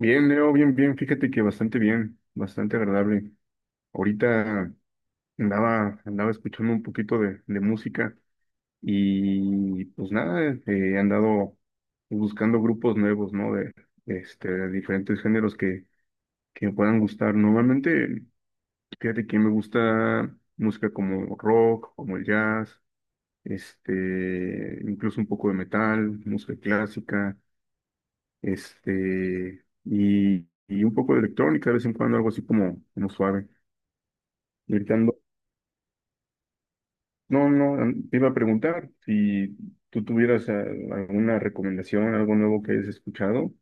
Bien, Leo, bien, bien. Fíjate que bastante bien, bastante agradable. Ahorita andaba escuchando un poquito de música y pues nada, he andado buscando grupos nuevos, ¿no? De, de diferentes géneros que me puedan gustar. Normalmente, fíjate que me gusta música como rock, como el jazz, incluso un poco de metal, música clásica. Y, y un poco de electrónica, de vez en cuando algo así como, como suave. Y ahorita ando- no, no, te iba a preguntar si tú tuvieras alguna recomendación, algo nuevo que hayas escuchado.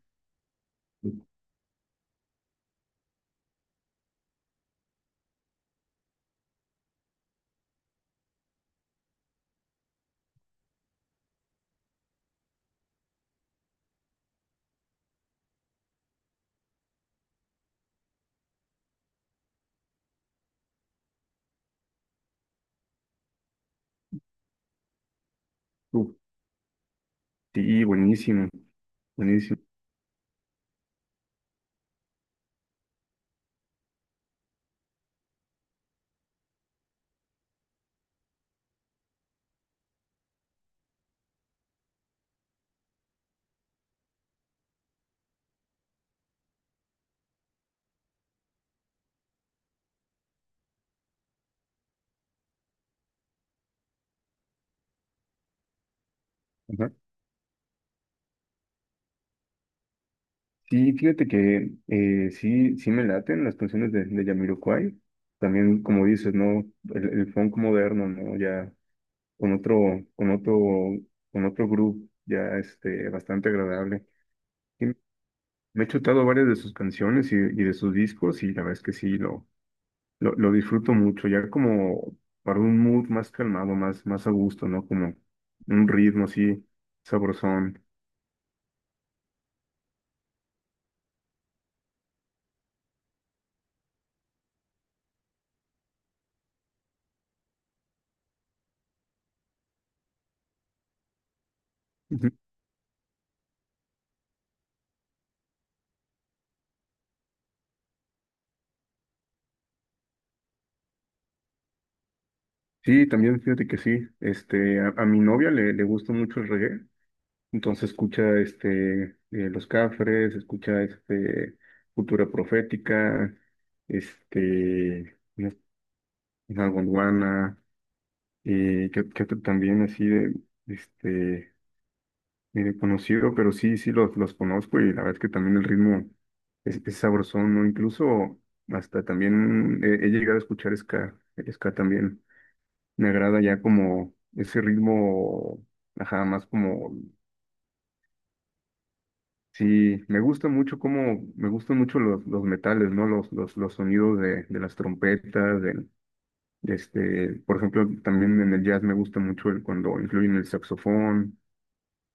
Uf, sí, buenísimo, buenísimo. Ajá. Sí, fíjate que sí, sí me laten las canciones de Jamiroquai. También, como dices, ¿no? El funk moderno, ¿no? Ya con otro, con otro, con otro grupo, ya bastante agradable. Me he chutado varias de sus canciones y de sus discos y la verdad es que sí, lo disfruto mucho, ya como para un mood más calmado, más, más a gusto, ¿no? Como un ritmo así sabrosón. Ujú. Sí, también fíjate que sí, a mi novia le gusta mucho el reggae, entonces escucha Los Cafres, escucha Cultura Profética, este, una- una gondwana, que también así de, este... conocido, pero sí, los conozco y la verdad es que también el ritmo es sabrosón, ¿no? Incluso hasta también he llegado a escuchar ska, el ska también. Me agrada ya como ese ritmo, ajá, más como, sí, me gusta mucho como, me gustan mucho los metales, ¿no? Los sonidos de las trompetas, del, por ejemplo, también en el jazz me gusta mucho cuando incluyen el saxofón,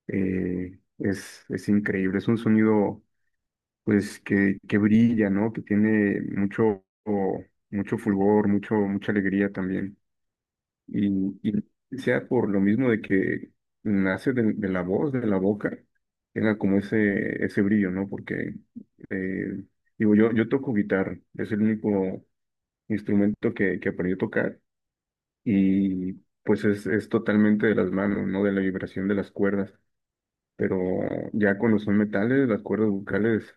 es increíble, es un sonido pues que brilla, ¿no? Que tiene mucho, mucho fulgor, mucho, mucha alegría también. Y, y sea por lo mismo de que nace de la voz, de la boca, tenga como ese brillo, ¿no? Porque, eh, digo, yo toco guitarra, es el único instrumento que aprendí a tocar y pues es totalmente de las manos, ¿no? De la vibración de las cuerdas. Pero ya cuando son metales, las cuerdas vocales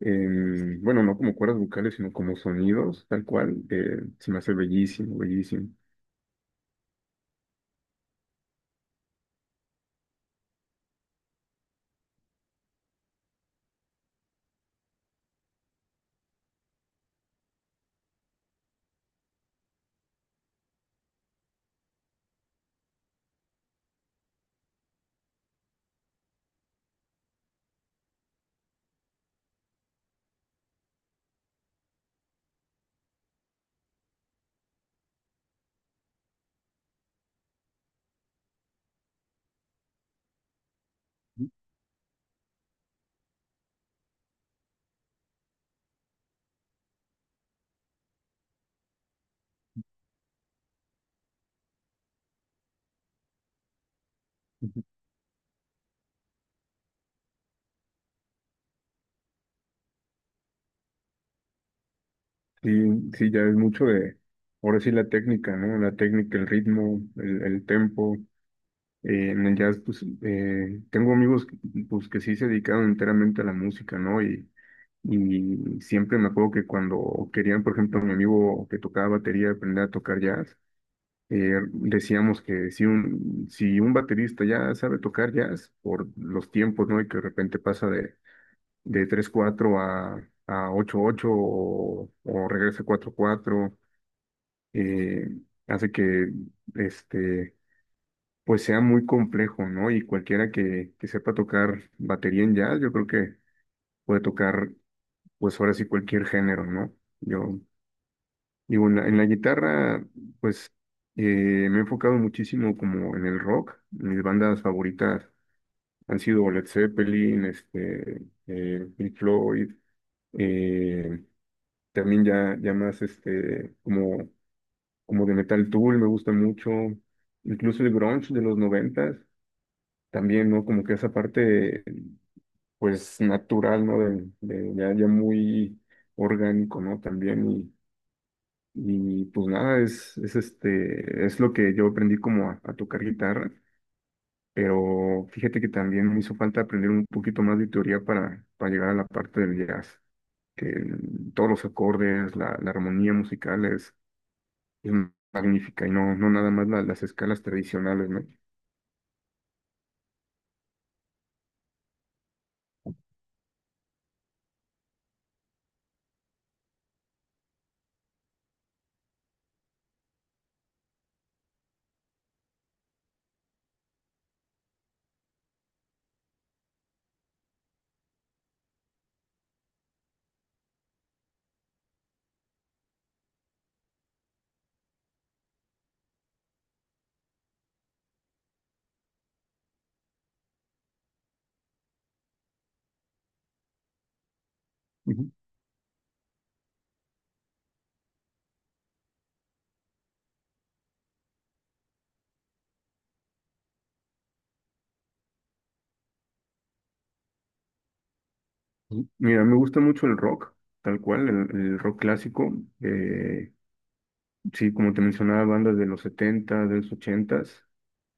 bueno, no como cuerdas vocales, sino como sonidos, tal cual, se me hace bellísimo, bellísimo. Ujú. Sí, sí, ya es mucho de, ahora sí la técnica, ¿no? La técnica, el ritmo, el tempo. En el jazz, pues, tengo amigos, pues, que sí se dedicaron enteramente a la música, ¿no? Y siempre me acuerdo que cuando querían, por ejemplo, mi amigo que tocaba batería aprender a tocar jazz, decíamos que si un baterista ya sabe tocar jazz por los tiempos, ¿no? Y que de repente pasa de tres cuatro a ocho ocho o regresa a 4-4, eh, hace que este, pues sea muy complejo, ¿no? Y cualquiera que sepa tocar batería en jazz, yo creo que puede tocar, pues ahora sí cualquier género, ¿no? Yo Digo, en la guitarra, pues eh, me he enfocado muchísimo como en el rock. Mis bandas favoritas han sido Led Zeppelin, Pink Floyd, eh, también ya, ya más como, como de Metal Tool, me gusta mucho. Incluso el grunge de los noventas, también, ¿no? Como que esa parte, pues, natural, ¿no? Ya, ya muy orgánico, ¿no? También, y pues nada, es, es lo que yo aprendí como a tocar guitarra, pero fíjate que también me hizo falta aprender un poquito más de teoría para llegar a la parte del jazz, todos los acordes, la armonía musical es magnífica y no, no nada más las escalas tradicionales, ¿no? Ujú. Ujú. Mira, me gusta mucho el rock, tal cual, el rock clásico, eh, sí, como te mencionaba, bandas de los 70, de los 80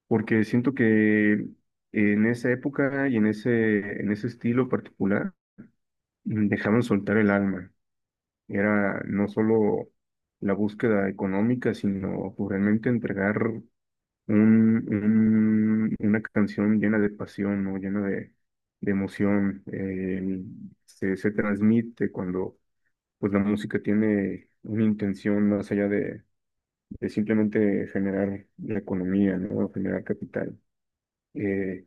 porque siento que en esa época y en ese estilo particular dejaban soltar el alma. Era no solo la búsqueda económica, sino pues, realmente entregar una canción llena de pasión, ¿no? Llena de emoción. Se, se transmite cuando pues, la música tiene una intención más allá de simplemente generar la economía, ¿no? Generar capital. Eh,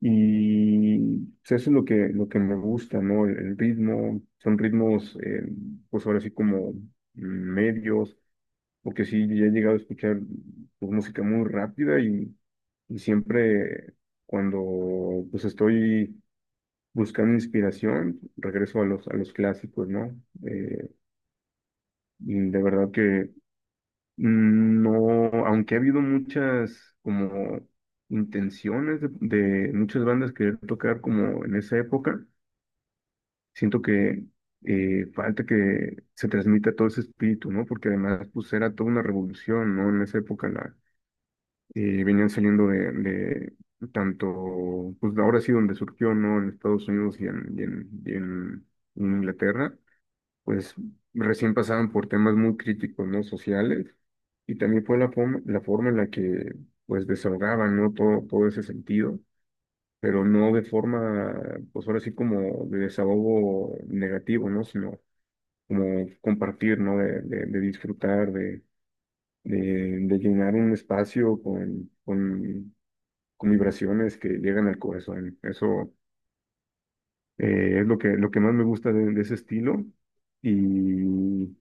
Y pues, eso es lo que me gusta, ¿no? El ritmo, son ritmos, pues ahora sí como medios, porque sí, ya he llegado a escuchar pues, música muy rápida y siempre cuando pues estoy buscando inspiración, regreso a los clásicos, ¿no? Eh, y de verdad que no, aunque ha habido muchas como intenciones de muchas bandas querer tocar como en esa época, siento que falta que se transmita todo ese espíritu, ¿no? Porque además, pues era toda una revolución, ¿no? En esa época la, venían saliendo de tanto, pues ahora sí donde surgió, ¿no? En Estados Unidos y en Inglaterra, pues recién pasaban por temas muy críticos, ¿no? Sociales. Y también fue la forma en la que, pues, desahogaban, ¿no? Todo, todo ese sentido pero no de forma, pues ahora sí como de desahogo negativo, ¿no? Sino como compartir, ¿no? De disfrutar, de, de llenar un espacio con vibraciones que llegan al corazón. Eso es lo que más me gusta de ese estilo. Y,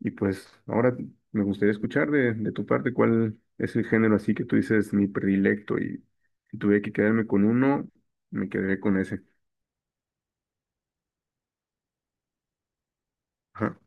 y pues ahora me gustaría escuchar de tu parte cuál es el género así que tú dices mi predilecto y si tuve que quedarme con uno, me quedaré con ese. Ajá.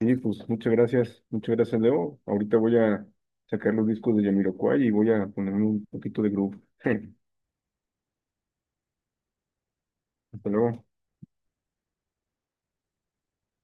Sí, pues muchas gracias, Leo. Ahorita voy a sacar los discos de Jamiroquai y voy a ponerme un poquito de groove. Hasta luego.